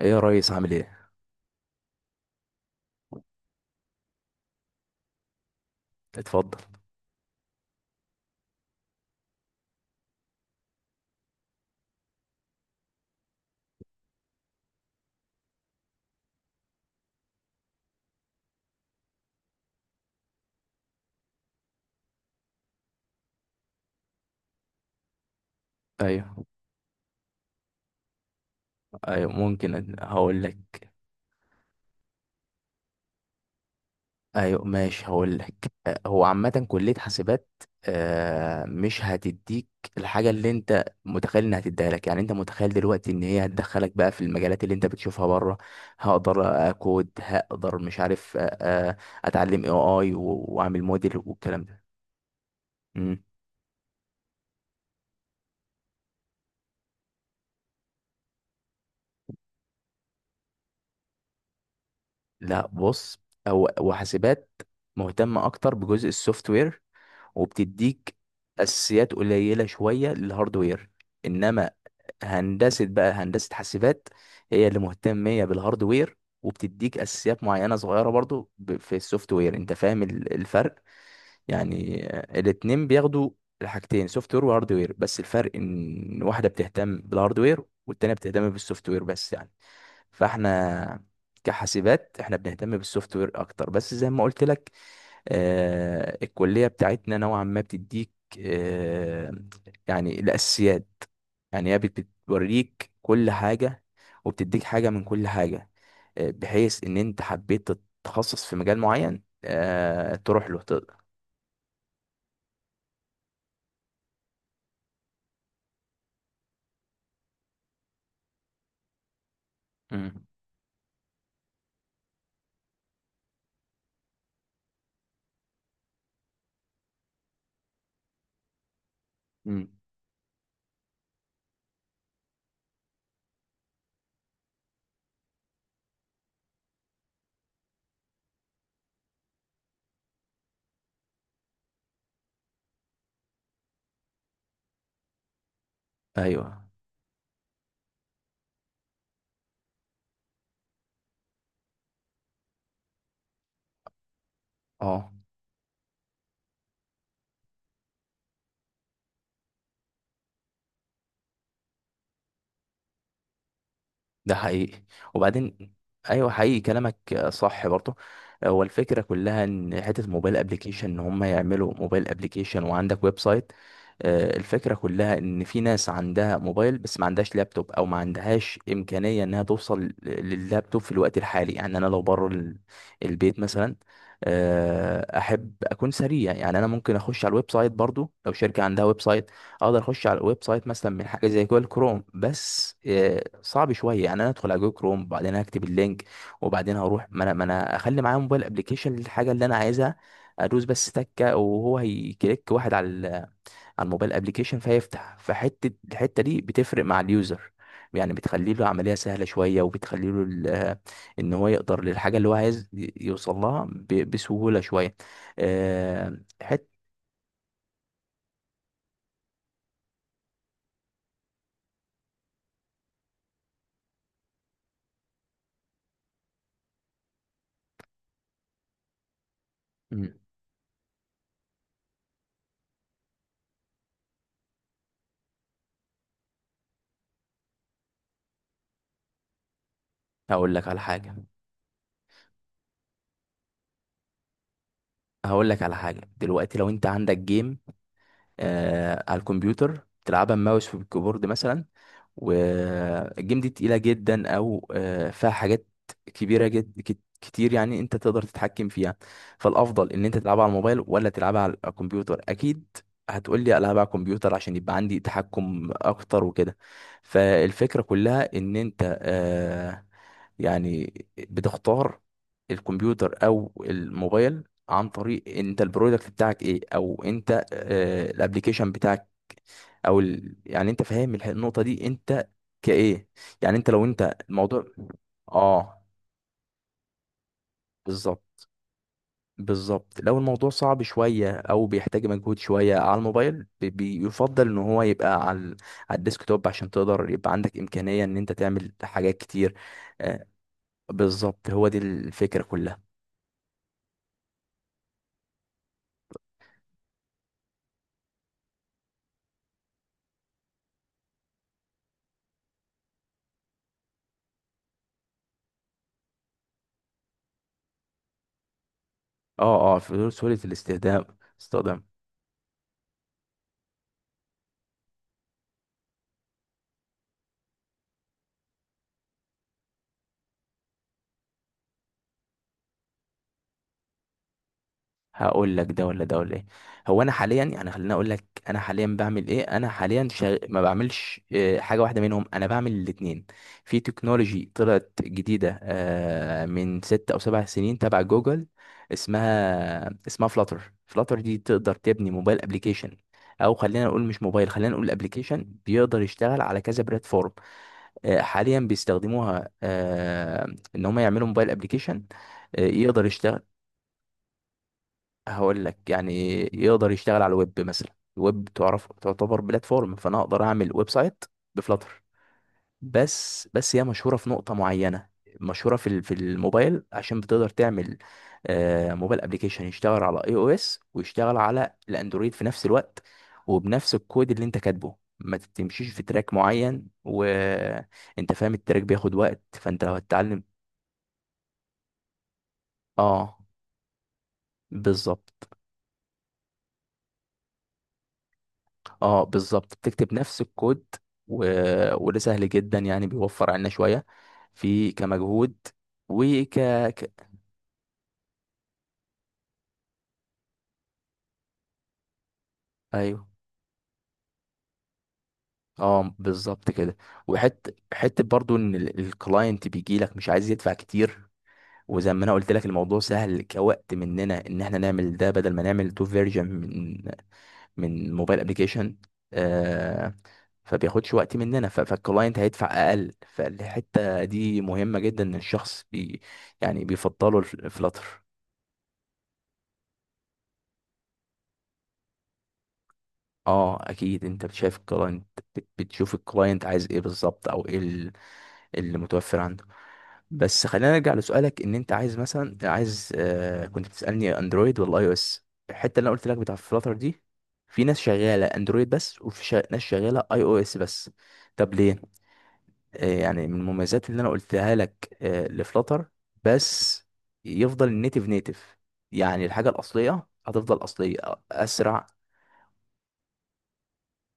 ايه يا ريس، عامل ايه؟ اتفضل. ايوه، ايوه، ممكن. هقول لك. ايوه، ماشي، هقول لك. هو عامه كليه حاسبات. مش هتديك الحاجه اللي انت متخيل انها هتديها لك، يعني انت متخيل دلوقتي ان هي هتدخلك بقى في المجالات اللي انت بتشوفها بره. هقدر اكود، هقدر، مش عارف. آه، اتعلم AI واعمل موديل والكلام ده. مم. لا بص، هو وحاسبات مهتمه اكتر بجزء السوفت وير، وبتديك اساسيات قليله شويه للهاردوير. انما هندسه بقى، هندسه حاسبات هي اللي مهتميه بالهاردوير، وبتديك اساسيات معينه صغيره برضو في السوفت وير. انت فاهم الفرق؟ يعني الاتنين بياخدوا الحاجتين، سوفت وير وهاردوير، بس الفرق ان واحده بتهتم بالهاردوير والتانيه بتهتم بالسوفت وير بس، يعني. فاحنا كحاسبات احنا بنهتم بالسوفت وير اكتر، بس زي ما قلت لك، الكلية بتاعتنا نوعا ما بتديك آه، يعني الأساسيات. يعني هي بتوريك كل حاجة وبتديك حاجة من كل حاجة، بحيث إن أنت حبيت تتخصص في مجال معين، تروح له تقدر. مم. مم. أيوه. أه، ده حقيقي. وبعدين، ايوه، حقيقي كلامك، صح برضه. هو الفكره كلها ان حته موبايل ابلكيشن، ان هم يعملوا موبايل ابلكيشن وعندك ويب سايت. الفكره كلها ان في ناس عندها موبايل بس ما عندهاش لابتوب او ما عندهاش امكانيه انها توصل لللابتوب في الوقت الحالي. يعني انا لو بره البيت مثلا، احب اكون سريع. يعني انا ممكن اخش على الويب سايت برضو لو شركه عندها ويب سايت، اقدر اخش على الويب سايت مثلا من حاجه زي جوجل كروم، بس صعب شويه، يعني انا ادخل على جوجل كروم وبعدين اكتب اللينك وبعدين هروح. ما انا اخلي معايا موبايل ابلكيشن للحاجه اللي انا عايزها، ادوس بس تكه وهو هيكليك واحد على الموبايل ابلكيشن فيفتح. الحته دي بتفرق مع اليوزر، يعني بتخلي له عمليه سهله شويه، وبتخلي له ان هو يقدر للحاجه اللي هو عايز يوصل لها بسهوله شويه. آه، حت مم. هقول لك على حاجه هقول لك على حاجة. دلوقتي لو انت عندك جيم آه على الكمبيوتر تلعبها ماوس في الكيبورد مثلا، والجيم دي تقيلة جدا، او فيها حاجات كبيرة جدا كتير، يعني انت تقدر تتحكم فيها. فالافضل ان انت تلعبها على الموبايل ولا تلعبها على الكمبيوتر؟ اكيد هتقول لي العبها على الكمبيوتر عشان يبقى عندي تحكم اكتر وكده. فالفكرة كلها ان انت يعني بتختار الكمبيوتر او الموبايل عن طريق انت البرودكت بتاعك ايه، او انت الابلكيشن بتاعك، يعني انت فاهم النقطه دي انت كايه؟ يعني انت لو انت الموضوع. اه، بالظبط، بالظبط. لو الموضوع صعب شويه او بيحتاج مجهود شويه على الموبايل، بيفضل ان هو يبقى على الديسك توب عشان تقدر، يبقى عندك امكانيه ان انت تعمل حاجات كتير. آه، بالظبط، هو دي الفكره كلها. اه، اه، في سهوله الاستخدام. استخدام. هقول لك ده ولا ده ولا ايه. هو انا حاليا، يعني خليني اقول لك انا حاليا بعمل ايه، انا حاليا ما بعملش حاجه واحده منهم، انا بعمل الاتنين. في تكنولوجي طلعت جديده من 6 او 7 سنين تبع جوجل، اسمها فلاتر. فلاتر دي تقدر تبني موبايل ابلكيشن، او خلينا نقول مش موبايل، خلينا نقول ابلكيشن بيقدر يشتغل على كذا بلاتفورم. حاليا بيستخدموها ان هم يعملوا موبايل ابلكيشن يقدر يشتغل. هقول لك، يعني يقدر يشتغل على الويب مثلا. الويب تعرف تعتبر بلاتفورم، فانا اقدر اعمل ويب سايت بفلاتر. بس، بس هي مشهوره في نقطه معينه، مشهوره في الموبايل، عشان بتقدر تعمل موبايل ابلكيشن يشتغل على iOS ويشتغل على الاندرويد في نفس الوقت وبنفس الكود اللي انت كاتبه. ما تمشيش في تراك معين وانت فاهم التراك بياخد وقت، فانت لو هتتعلم. اه، بالظبط. اه، بالظبط، بتكتب نفس الكود. و... وده سهل جدا، يعني بيوفر عنا شوية في كمجهود وك ك... ايوه. اه، بالظبط كده. وحته، حته برضو ان الكلاينت بيجي لك مش عايز يدفع كتير، وزي ما انا قلت لك الموضوع سهل كوقت مننا ان احنا نعمل ده بدل ما نعمل تو فيرجن من موبايل ابلكيشن. آه، فبياخدش وقت مننا، فالكلاينت هيدفع اقل، فالحته دي مهمه جدا ان الشخص يعني بيفضله الفلاتر. اه، اكيد انت بتشايف الكلاينت، بتشوف الكلاينت عايز ايه بالظبط، او ايه اللي متوفر عنده. بس خلينا نرجع لسؤالك، ان انت عايز مثلا، عايز آه كنت بتسالني اندرويد ولا iOS. الحته اللي انا قلت لك بتاع فلاتر دي، في ناس شغاله اندرويد بس، ناس شغاله iOS بس. طب ليه؟ يعني من المميزات اللي انا قلتها لك لفلاتر، بس يفضل النيتف. نيتف يعني الحاجه الاصليه هتفضل اصليه، اسرع.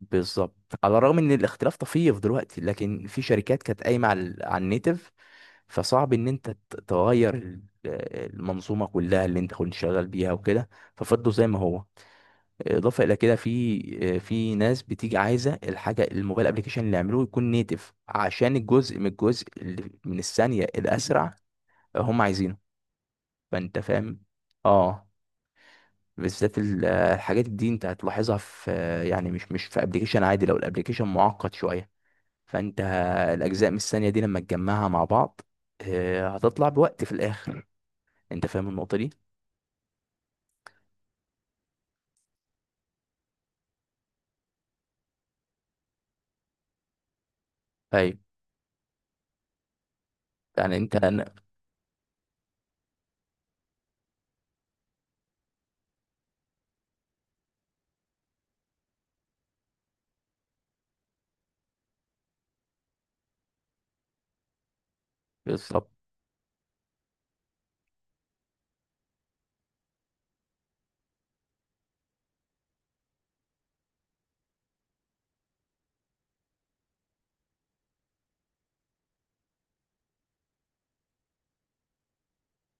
بالظبط. على الرغم ان الاختلاف طفيف دلوقتي، لكن في شركات كانت قايمه على، على النيتف، فصعب ان انت تغير المنظومه كلها اللي انت كنت شغال بيها وكده. ففضلوا زي ما هو. اضافه الى كده، في في ناس بتيجي عايزه الحاجه الموبايل ابلكيشن اللي يعملوه يكون نيتف عشان الجزء من الجزء اللي من الثانيه الاسرع هم عايزينه. فانت فاهم. اه. بالذات الحاجات دي انت هتلاحظها في يعني مش في ابلكيشن عادي، لو الابلكيشن معقد شويه فانت، الاجزاء من الثانيه دي لما تجمعها مع بعض هتطلع بوقت في الاخر. انت فاهم النقطه دي. ايوه، يعني انت بالظبط.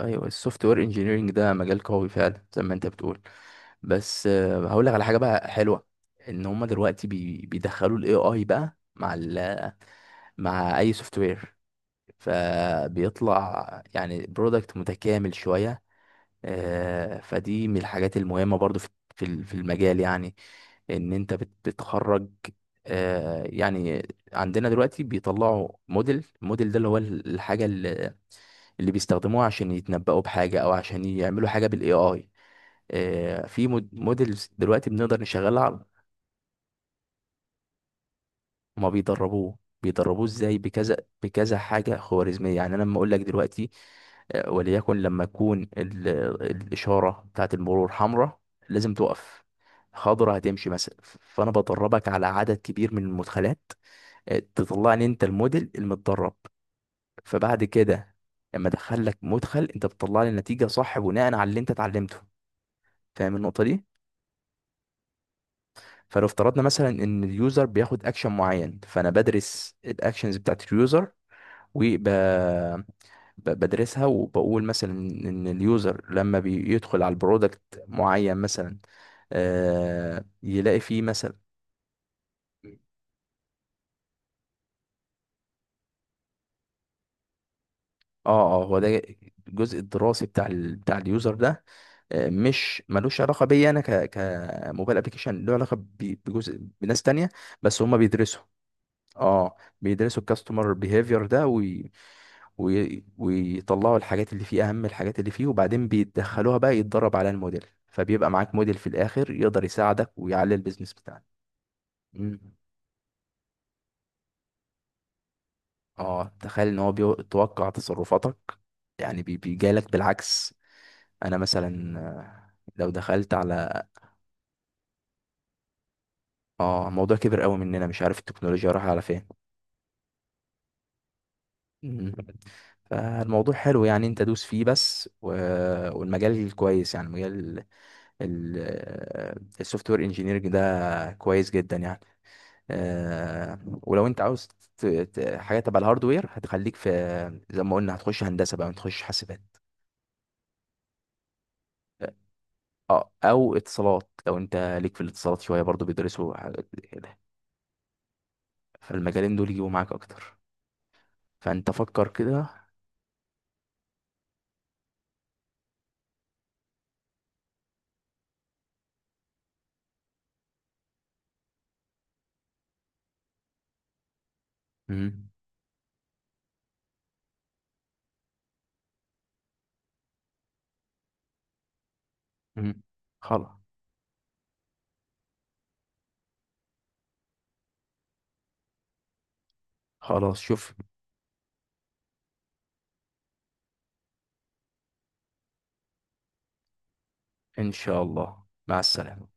ايوه، السوفت وير انجينيرنج ده مجال قوي فعلا زي ما انت بتقول، بس هقول لك على حاجه بقى حلوه، ان هما دلوقتي بيدخلوا الاي اي بقى مع اي سوفت وير، فبيطلع يعني برودكت متكامل شويه. فدي من الحاجات المهمه برضو في، في المجال. يعني ان انت بتخرج يعني. عندنا دلوقتي بيطلعوا موديل، الموديل ده اللي هو الحاجه اللي، اللي بيستخدموها عشان يتنبؤوا بحاجه او عشان يعملوا حاجه بالاي اي. في موديلز دلوقتي بنقدر نشغلها. هما بيدربوه، بيدربوه ازاي؟ بكذا، بكذا حاجه خوارزميه. يعني انا لما اقول لك دلوقتي وليكن لما تكون الاشاره بتاعت المرور حمراء لازم تقف، خضرة هتمشي مثلا. فانا بدربك على عدد كبير من المدخلات، تطلعني انت الموديل المتدرب. فبعد كده لما ادخل لك مدخل، انت بتطلع لي النتيجه صح بناء على اللي انت اتعلمته. فاهم النقطه دي. فلو افترضنا مثلا ان اليوزر بياخد اكشن معين، فانا بدرس الاكشنز بتاعت اليوزر وبدرسها، وبقول مثلا ان اليوزر لما بيدخل على البرودكت معين مثلا يلاقي فيه مثلا. اه، اه، هو ده، الجزء الدراسي بتاع اليوزر ده مش ملوش علاقه بيا انا، كموبايل ابلكيشن، له علاقه بجزء بناس تانية، بس هم بيدرسوا. اه، بيدرسوا الكاستمر بيهيفير ده، ويطلعوا الحاجات اللي فيه، اهم الحاجات اللي فيه، وبعدين بيدخلوها بقى يتدرب على الموديل، فبيبقى معاك موديل في الاخر يقدر يساعدك ويعلي البيزنس بتاعك. مم. اه، تخيل ان هو بيتوقع تصرفاتك، يعني بيجالك بالعكس. انا مثلا لو دخلت على، اه، الموضوع كبر قوي مننا، مش عارف التكنولوجيا رايحه على فين. مم. فالموضوع حلو، يعني انت دوس فيه بس والمجال كويس. يعني مجال السوفت وير انجينيرنج ده كويس جدا يعني. ولو انت عاوز حاجه تبع الهاردوير هتخليك في، زي ما قلنا، هتخش هندسه بقى، ما تخش حاسبات. اه، او اتصالات، لو انت ليك في الاتصالات شويه، برضو بيدرسوا حاجات كده. فالمجالين دول يجيبوا معاك اكتر. فانت فكر كده. مم. مم. خلاص. خلاص شوف. ان شاء الله مع السلامه.